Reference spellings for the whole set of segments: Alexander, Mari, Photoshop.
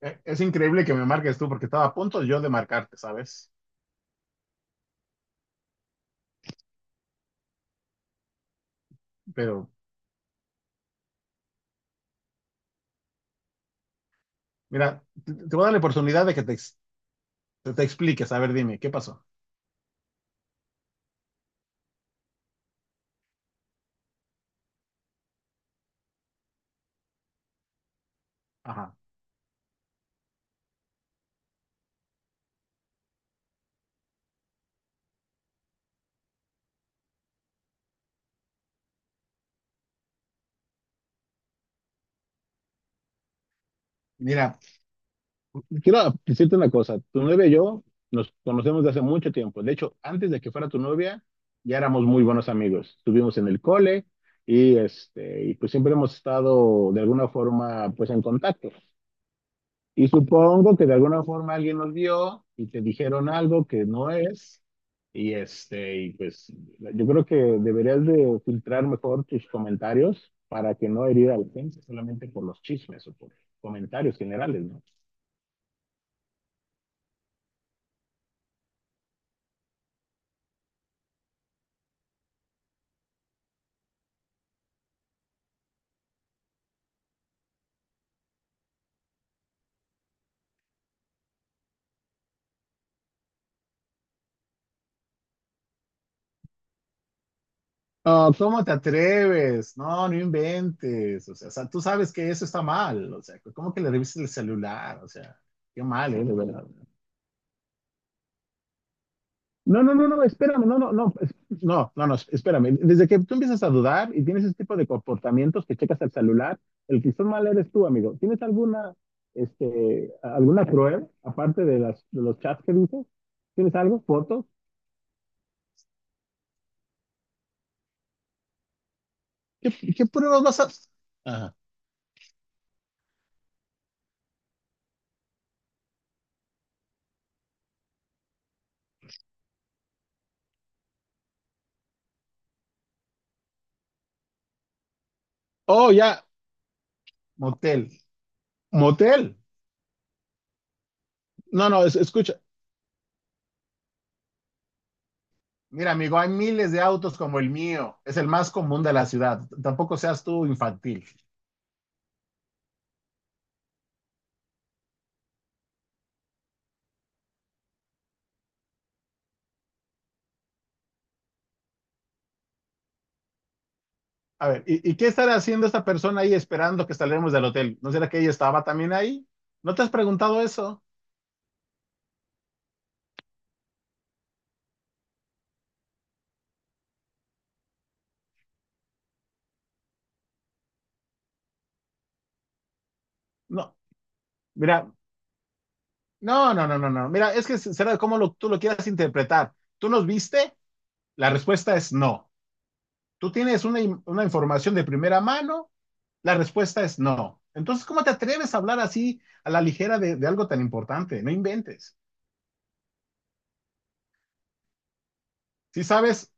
Es increíble que me marques tú porque estaba a punto yo de marcarte, ¿sabes? Pero mira, te voy a dar la oportunidad de que te expliques. A ver, dime, ¿qué pasó? Ajá. Mira, quiero decirte una cosa, tu novia y yo nos conocemos de hace mucho tiempo. De hecho, antes de que fuera tu novia, ya éramos muy buenos amigos. Estuvimos en el cole y, y pues siempre hemos estado de alguna forma pues en contacto. Y supongo que de alguna forma alguien los vio y te dijeron algo que no es. Y pues yo creo que deberías de filtrar mejor tus comentarios para que no herir a la gente solamente por los chismes o por comentarios generales, ¿no? Oh, ¿cómo te atreves? No, no inventes. O sea, tú sabes que eso está mal. O sea, ¿cómo que le revisas el celular? O sea, qué mal, ¿eh? De verdad. No, espérame, no, espérame. Desde que tú empiezas a dudar y tienes ese tipo de comportamientos que checas el celular, el que está mal eres tú, amigo. ¿Tienes alguna, alguna prueba, aparte de de los chats que dices? ¿Tienes algo? ¿Fotos? ¿Qué pruebas vas a...? Ajá. Oh, ya. Motel. Motel. No, no, escucha. Mira, amigo, hay miles de autos como el mío. Es el más común de la ciudad. Tampoco seas tú infantil. A ver, ¿y qué estará haciendo esta persona ahí esperando que salgamos del hotel? ¿No será que ella estaba también ahí? ¿No te has preguntado eso? No, mira, no. Mira, es que será como tú lo quieras interpretar. ¿Tú nos viste? La respuesta es no. ¿Tú tienes una, una información de primera mano? La respuesta es no. Entonces, ¿cómo te atreves a hablar así a la ligera de algo tan importante? No inventes. Si sabes,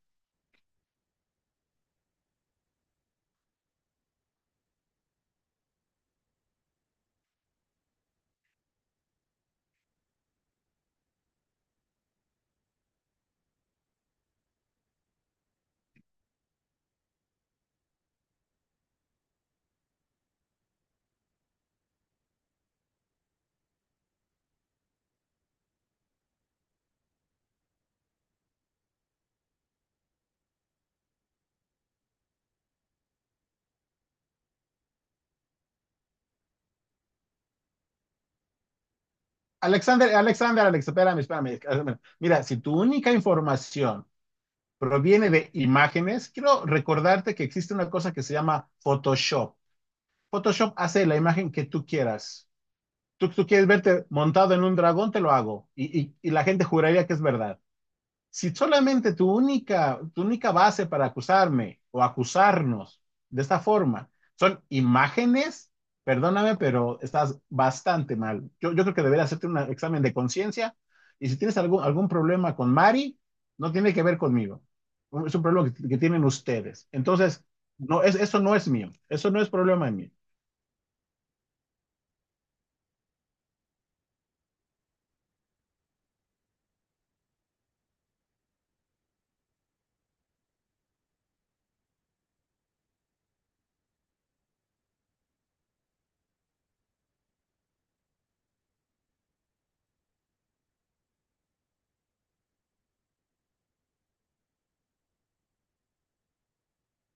Alexander, Alex, espérame. Mira, si tu única información proviene de imágenes, quiero recordarte que existe una cosa que se llama Photoshop. Photoshop hace la imagen que tú quieras. Tú quieres verte montado en un dragón, te lo hago. Y, y la gente juraría que es verdad si solamente tu única base para acusarme o acusarnos de esta forma son imágenes, perdóname, pero estás bastante mal. Yo creo que debería hacerte un examen de conciencia y si tienes algún problema con Mari, no tiene que ver conmigo. Es un problema que tienen ustedes. Entonces, no, es, eso no es mío. Eso no es problema mío.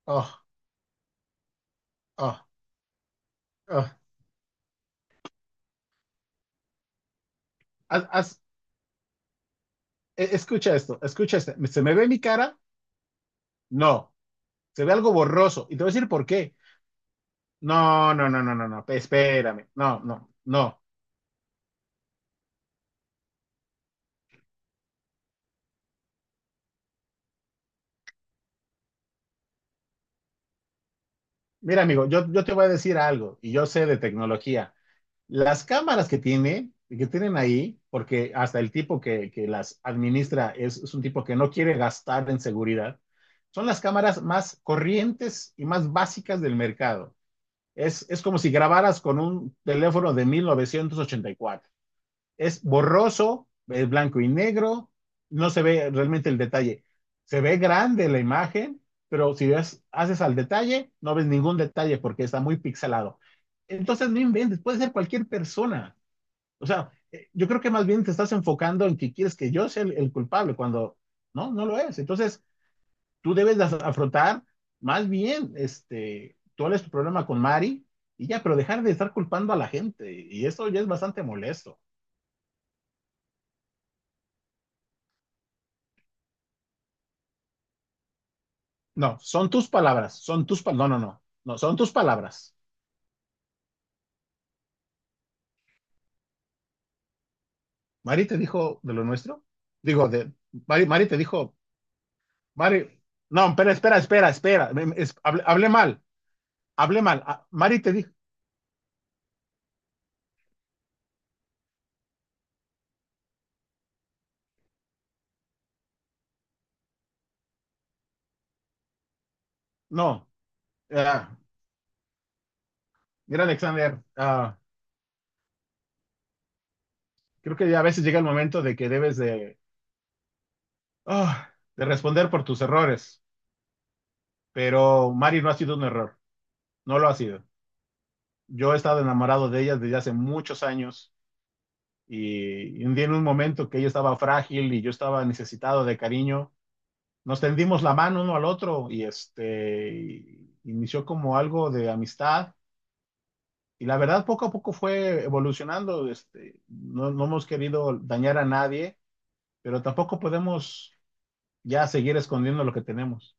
Oh, oh, oh. Haz- haz- escucha esto, escucha esto. ¿Se me ve mi cara? No. Se ve algo borroso. Y te voy a decir por qué. No, espérame, no. Mira, amigo, yo te voy a decir algo y yo sé de tecnología. Las cámaras que tiene, que tienen ahí, porque hasta el tipo que las administra es un tipo que no quiere gastar en seguridad, son las cámaras más corrientes y más básicas del mercado. Es como si grabaras con un teléfono de 1984. Es borroso, es blanco y negro, no se ve realmente el detalle. Se ve grande la imagen, pero si ves, haces al detalle, no ves ningún detalle porque está muy pixelado. Entonces no inventes, puede ser cualquier persona. O sea, yo creo que más bien te estás enfocando en que quieres que yo sea el culpable cuando no, no lo es. Entonces tú debes de afrontar más bien, tú hables tu problema con Mari y ya, pero dejar de estar culpando a la gente. Y eso ya es bastante molesto. No, son tus palabras. No, son tus palabras. Mari te dijo de lo nuestro. Digo, de Mari te dijo, Mari, no, espera. Hablé, hablé mal. Ah, Mari te dijo, no, ah, mira, Alexander, ah, creo que ya a veces llega el momento de que debes de, ah, de responder por tus errores, pero Mari no ha sido un error, no lo ha sido. Yo he estado enamorado de ella desde hace muchos años. Y un día en un momento que ella estaba frágil y yo estaba necesitado de cariño, nos tendimos la mano uno al otro inició como algo de amistad. Y la verdad, poco a poco fue evolucionando. No, no hemos querido dañar a nadie, pero tampoco podemos ya seguir escondiendo lo que tenemos.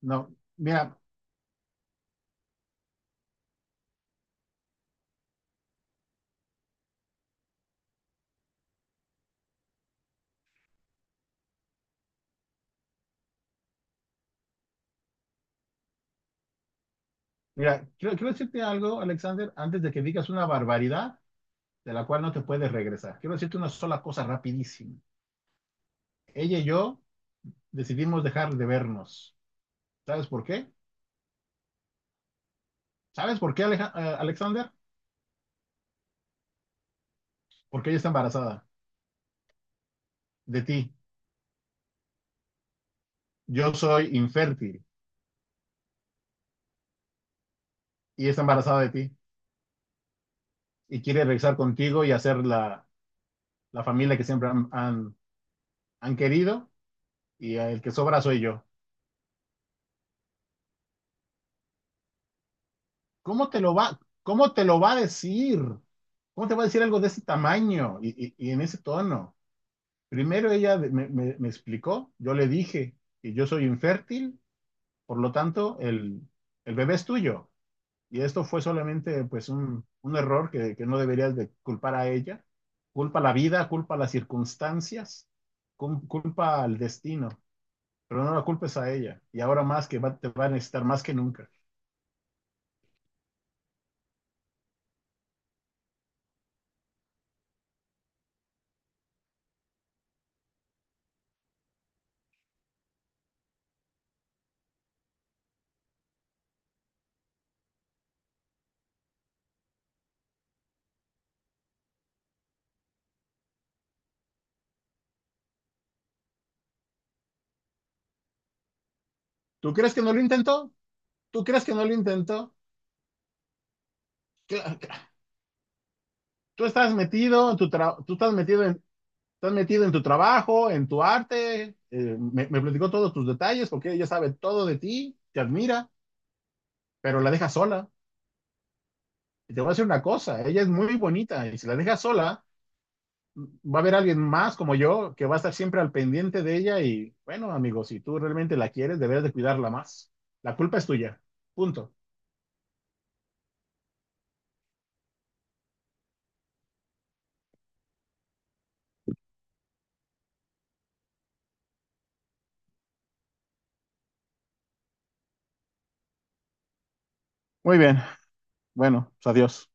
No, mira, mira, quiero decirte algo, Alexander, antes de que digas una barbaridad de la cual no te puedes regresar. Quiero decirte una sola cosa rapidísima. Ella y yo decidimos dejar de vernos. ¿Sabes por qué? ¿Sabes por qué, Alexander? Porque ella está embarazada de ti. Yo soy infértil y está embarazada de ti y quiere regresar contigo y hacer la familia que siempre han querido y el que sobra soy yo. Cómo te lo va a decir? ¿Cómo te va a decir algo de ese tamaño y, y en ese tono? Primero ella me explicó, yo le dije que yo soy infértil, por lo tanto el bebé es tuyo. Y esto fue solamente pues un error no deberías de culpar a ella. Culpa la vida, culpa las circunstancias, culpa al destino, pero no la culpes a ella. Y ahora más que te va a necesitar más que nunca. ¿Tú crees que no lo intentó? ¿Tú crees que no lo intentó? Tú tú estás metido en tu trabajo, en tu arte, me platicó todos tus detalles porque ella sabe todo de ti, te admira, pero la deja sola. Y te voy a decir una cosa, ella es muy bonita y si la dejas sola, va a haber alguien más como yo que va a estar siempre al pendiente de ella y bueno, amigo, si tú realmente la quieres, deberás de cuidarla más. La culpa es tuya. Punto. Muy bien. Bueno, pues adiós.